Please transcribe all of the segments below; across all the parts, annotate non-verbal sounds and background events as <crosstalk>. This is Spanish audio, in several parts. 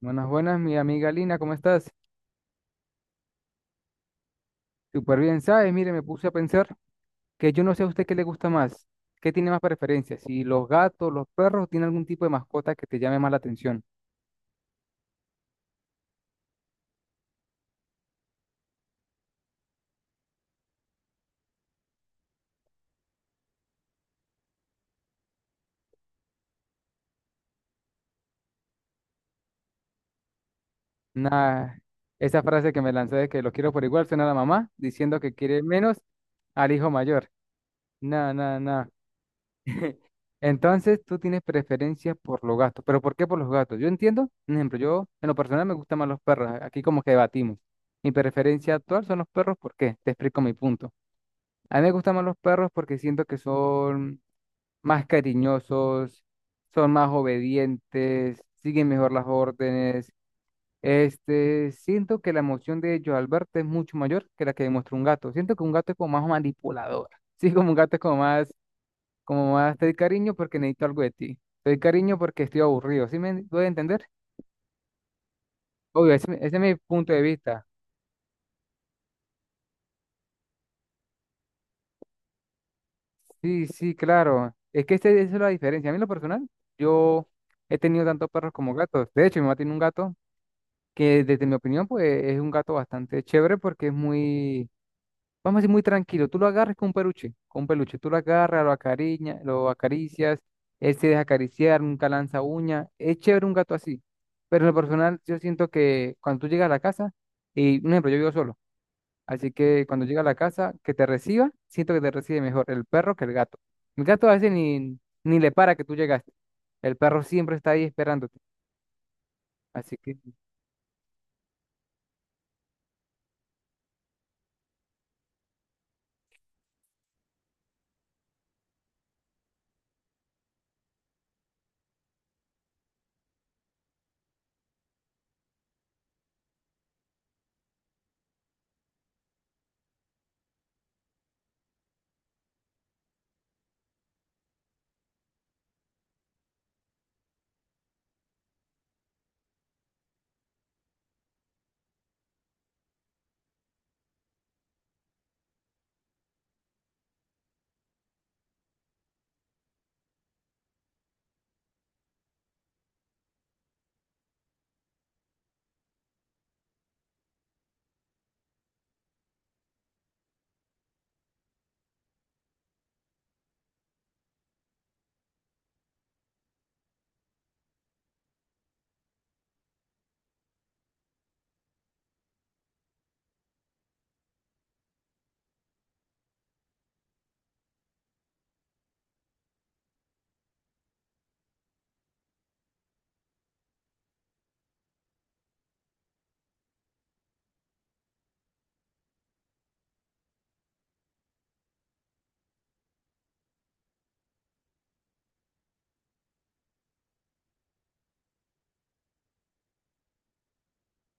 Buenas, buenas, mi amiga Lina, ¿cómo estás? Súper bien, ¿sabes? Mire, me puse a pensar que yo no sé a usted qué le gusta más, qué tiene más preferencias, si los gatos, los perros, tiene algún tipo de mascota que te llame más la atención. Nah, esa frase que me lancé de que los quiero por igual suena a la mamá diciendo que quiere menos al hijo mayor. Nah, nah, nah. <laughs> Entonces, tú tienes preferencia por los gatos. ¿Pero por qué por los gatos? Yo entiendo, por ejemplo, yo en lo personal me gustan más los perros. Aquí como que debatimos. Mi preferencia actual son los perros, ¿por qué? Te explico mi punto. A mí me gustan más los perros porque siento que son más cariñosos, son más obedientes, siguen mejor las órdenes. Siento que la emoción de ellos al verte es mucho mayor que la que demuestra un gato. Siento que un gato es como más manipulador. <laughs> Sí, como un gato es como más te doy cariño porque necesito algo de ti. Te doy cariño porque estoy aburrido. ¿Sí me doy a entender? Obvio, ese es mi punto de vista. Sí, sí, claro. Es que esa es la diferencia. A mí en lo personal, yo he tenido tanto perros como gatos. De hecho, mi mamá tiene un gato que desde mi opinión, pues es un gato bastante chévere porque es muy, vamos a decir, muy tranquilo. Tú lo agarras con un peluche, con un peluche. Tú lo agarras, lo acariñas, lo acaricias, él se deja acariciar, nunca lanza uña. Es chévere un gato así. Pero en lo personal, yo siento que cuando tú llegas a la casa, y un ejemplo, yo vivo solo. Así que cuando llega a la casa, que te reciba, siento que te recibe mejor el perro que el gato. El gato a veces ni le para que tú llegaste. El perro siempre está ahí esperándote. Así que,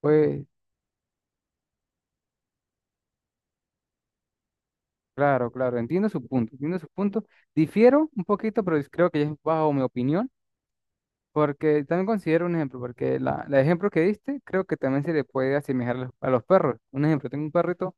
pues, claro, claro, entiendo su punto, entiendo su punto. Difiero un poquito, pero creo que es bajo mi opinión, porque también considero un ejemplo, porque el ejemplo que diste creo que también se le puede asemejar a los perros. Un ejemplo, tengo un perrito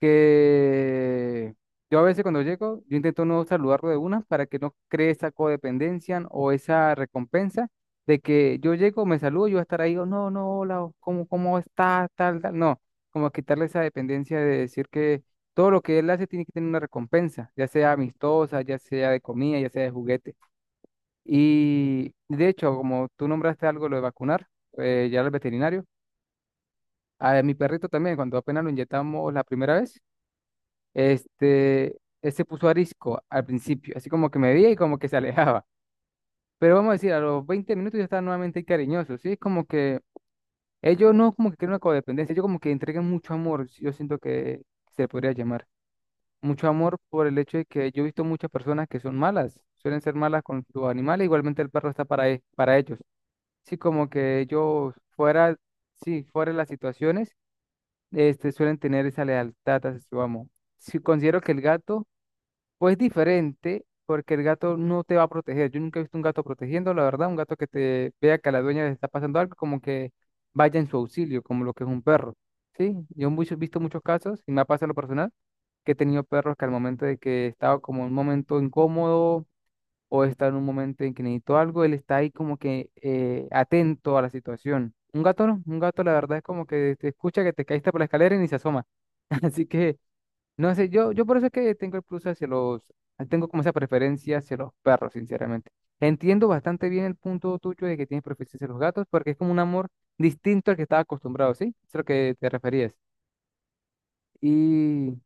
que yo a veces cuando llego, yo intento no saludarlo de una para que no cree esa codependencia o esa recompensa de que yo llego, me saludo, yo voy a estar ahí, o no, no, hola, o ¿cómo estás? Tal, tal. No, como quitarle esa dependencia de decir que todo lo que él hace tiene que tener una recompensa, ya sea amistosa, ya sea de comida, ya sea de juguete. Y de hecho, como tú nombraste algo, lo de vacunar, ya al veterinario, a mi perrito también, cuando apenas lo inyectamos la primera vez. Él se puso arisco al principio, así como que me veía y como que se alejaba. Pero vamos a decir, a los 20 minutos ya estaba nuevamente cariñoso, ¿sí? Es como que ellos no como que crean una codependencia, ellos como que entregan mucho amor, yo siento que se podría llamar. Mucho amor por el hecho de que yo he visto muchas personas que son malas, suelen ser malas con sus animales, igualmente el perro está para, para ellos. Sí, como que ellos fuera, sí, fuera de las situaciones, suelen tener esa lealtad hacia su amo. Sí, considero que el gato, pues diferente, porque el gato no te va a proteger. Yo nunca he visto un gato protegiendo, la verdad, un gato que te vea que a la dueña le está pasando algo, como que vaya en su auxilio, como lo que es un perro. Sí, yo he visto muchos casos, y me ha pasado en lo personal, que he tenido perros que al momento de que estaba como en un momento incómodo o está en un momento en que necesito algo, él está ahí como que atento a la situación. Un gato no, un gato la verdad es como que te escucha que te caíste por la escalera y ni se asoma. <laughs> Así que no sé, yo por eso es que tengo el plus hacia los, tengo como esa preferencia hacia los perros, sinceramente. Entiendo bastante bien el punto tuyo de que tienes preferencia hacia los gatos, porque es como un amor distinto al que estaba acostumbrado, ¿sí? Es a lo que te referías. Y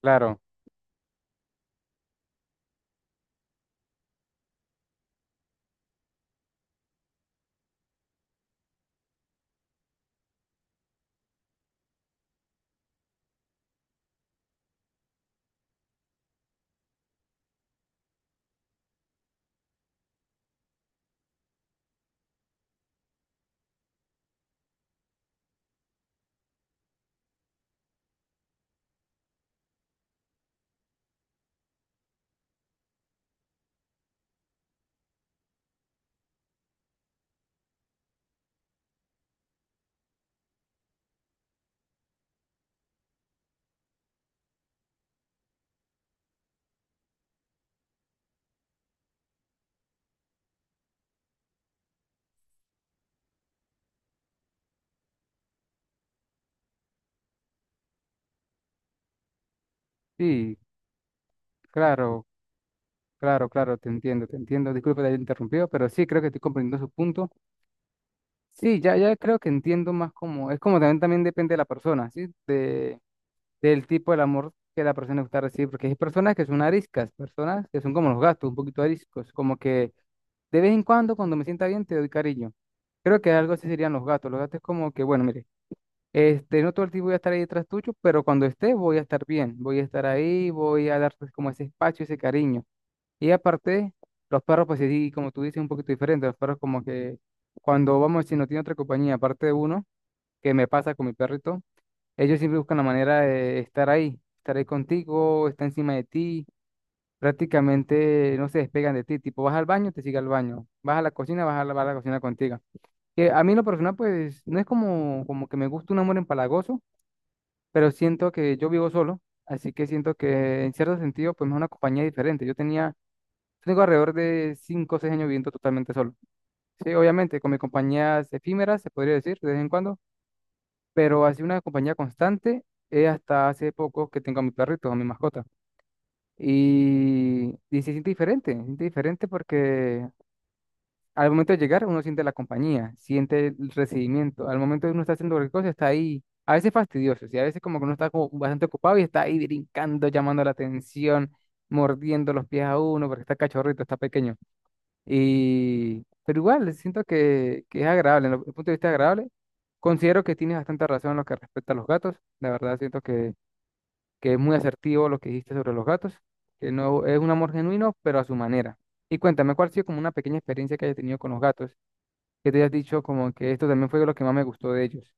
claro, sí, claro, claro, claro, te entiendo, te entiendo. Disculpe de haber interrumpido, pero sí creo que estoy comprendiendo su punto. Sí, ya, ya creo que entiendo más como, es como también, también depende de la persona, ¿sí? De del tipo del amor que la persona le gusta recibir, porque hay personas que son ariscas, personas que son como los gatos, un poquito ariscos, como que de vez en cuando, cuando me sienta bien, te doy cariño. Creo que algo así serían los gatos. Los gatos es como que, bueno, mire, no todo el tiempo voy a estar ahí detrás tuyo, pero cuando esté voy a estar bien, voy a estar ahí, voy a darte como ese espacio, ese cariño. Y aparte, los perros, pues sí, como tú dices, un poquito diferente. Los perros como que cuando vamos, si no tiene otra compañía, aparte de uno, que me pasa con mi perrito, ellos siempre buscan la manera de estar ahí contigo, estar encima de ti, prácticamente no se despegan de ti, tipo vas al baño, te sigue al baño, vas a la cocina, va a la cocina contigo. Que a mí en lo personal pues no es como, como que me gusta un amor empalagoso, pero siento que yo vivo solo, así que siento que en cierto sentido pues me es una compañía diferente. Yo tenía, tengo alrededor de 5 o 6 años viviendo totalmente solo. Sí, obviamente con mis compañías efímeras, se podría decir, de vez en cuando, pero así una compañía constante es hasta hace poco que tengo a mi perrito, a mi mascota. Y se siente diferente porque al momento de llegar uno siente la compañía, siente el recibimiento, al momento de uno está haciendo cualquier cosa está ahí, a veces fastidioso, y a veces como que uno está como bastante ocupado y está ahí brincando, llamando la atención, mordiendo los pies a uno porque está cachorrito, está pequeño. Y, pero igual, siento que es agradable, desde el punto de vista agradable. Considero que tienes bastante razón en lo que respecta a los gatos. La verdad, siento que es muy asertivo lo que dijiste sobre los gatos, que no es un amor genuino, pero a su manera. Y cuéntame, ¿cuál ha sido como una pequeña experiencia que hayas tenido con los gatos? Que te hayas dicho como que esto también fue lo que más me gustó de ellos.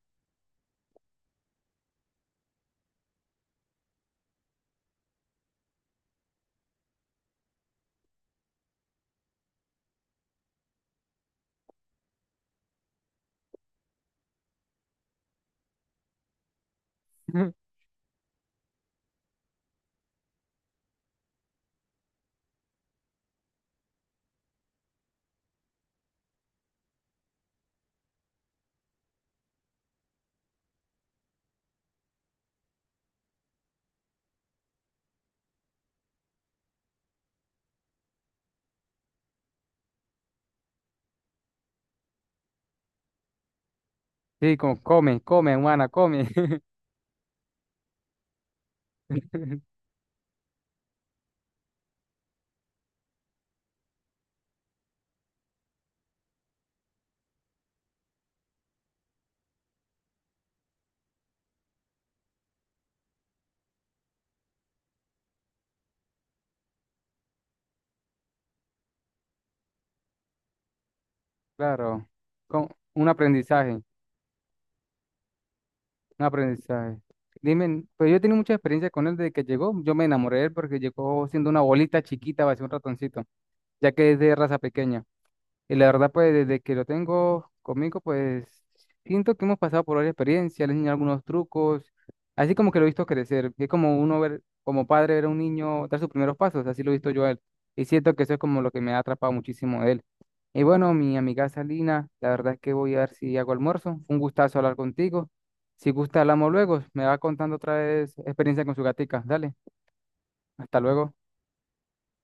<laughs> Sí, como come, come, humana, come. <laughs> Claro, con un aprendizaje. Un aprendizaje. Dime, pues yo he tenido mucha experiencia con él desde que llegó. Yo me enamoré de él porque llegó siendo una bolita chiquita, parecía un ratoncito, ya que es de raza pequeña. Y la verdad, pues desde que lo tengo conmigo, pues siento que hemos pasado por varias experiencias, le he enseñado algunos trucos, así como que lo he visto crecer, es como uno ver, como padre ver a un niño dar sus primeros pasos, así lo he visto yo a él. Y siento que eso es como lo que me ha atrapado muchísimo de él. Y bueno, mi amiga Salina, la verdad es que voy a ver si hago almuerzo. Fue un gustazo hablar contigo. Si gusta, hablamos luego. Me va contando otra vez experiencia con su gatica. Dale, hasta luego.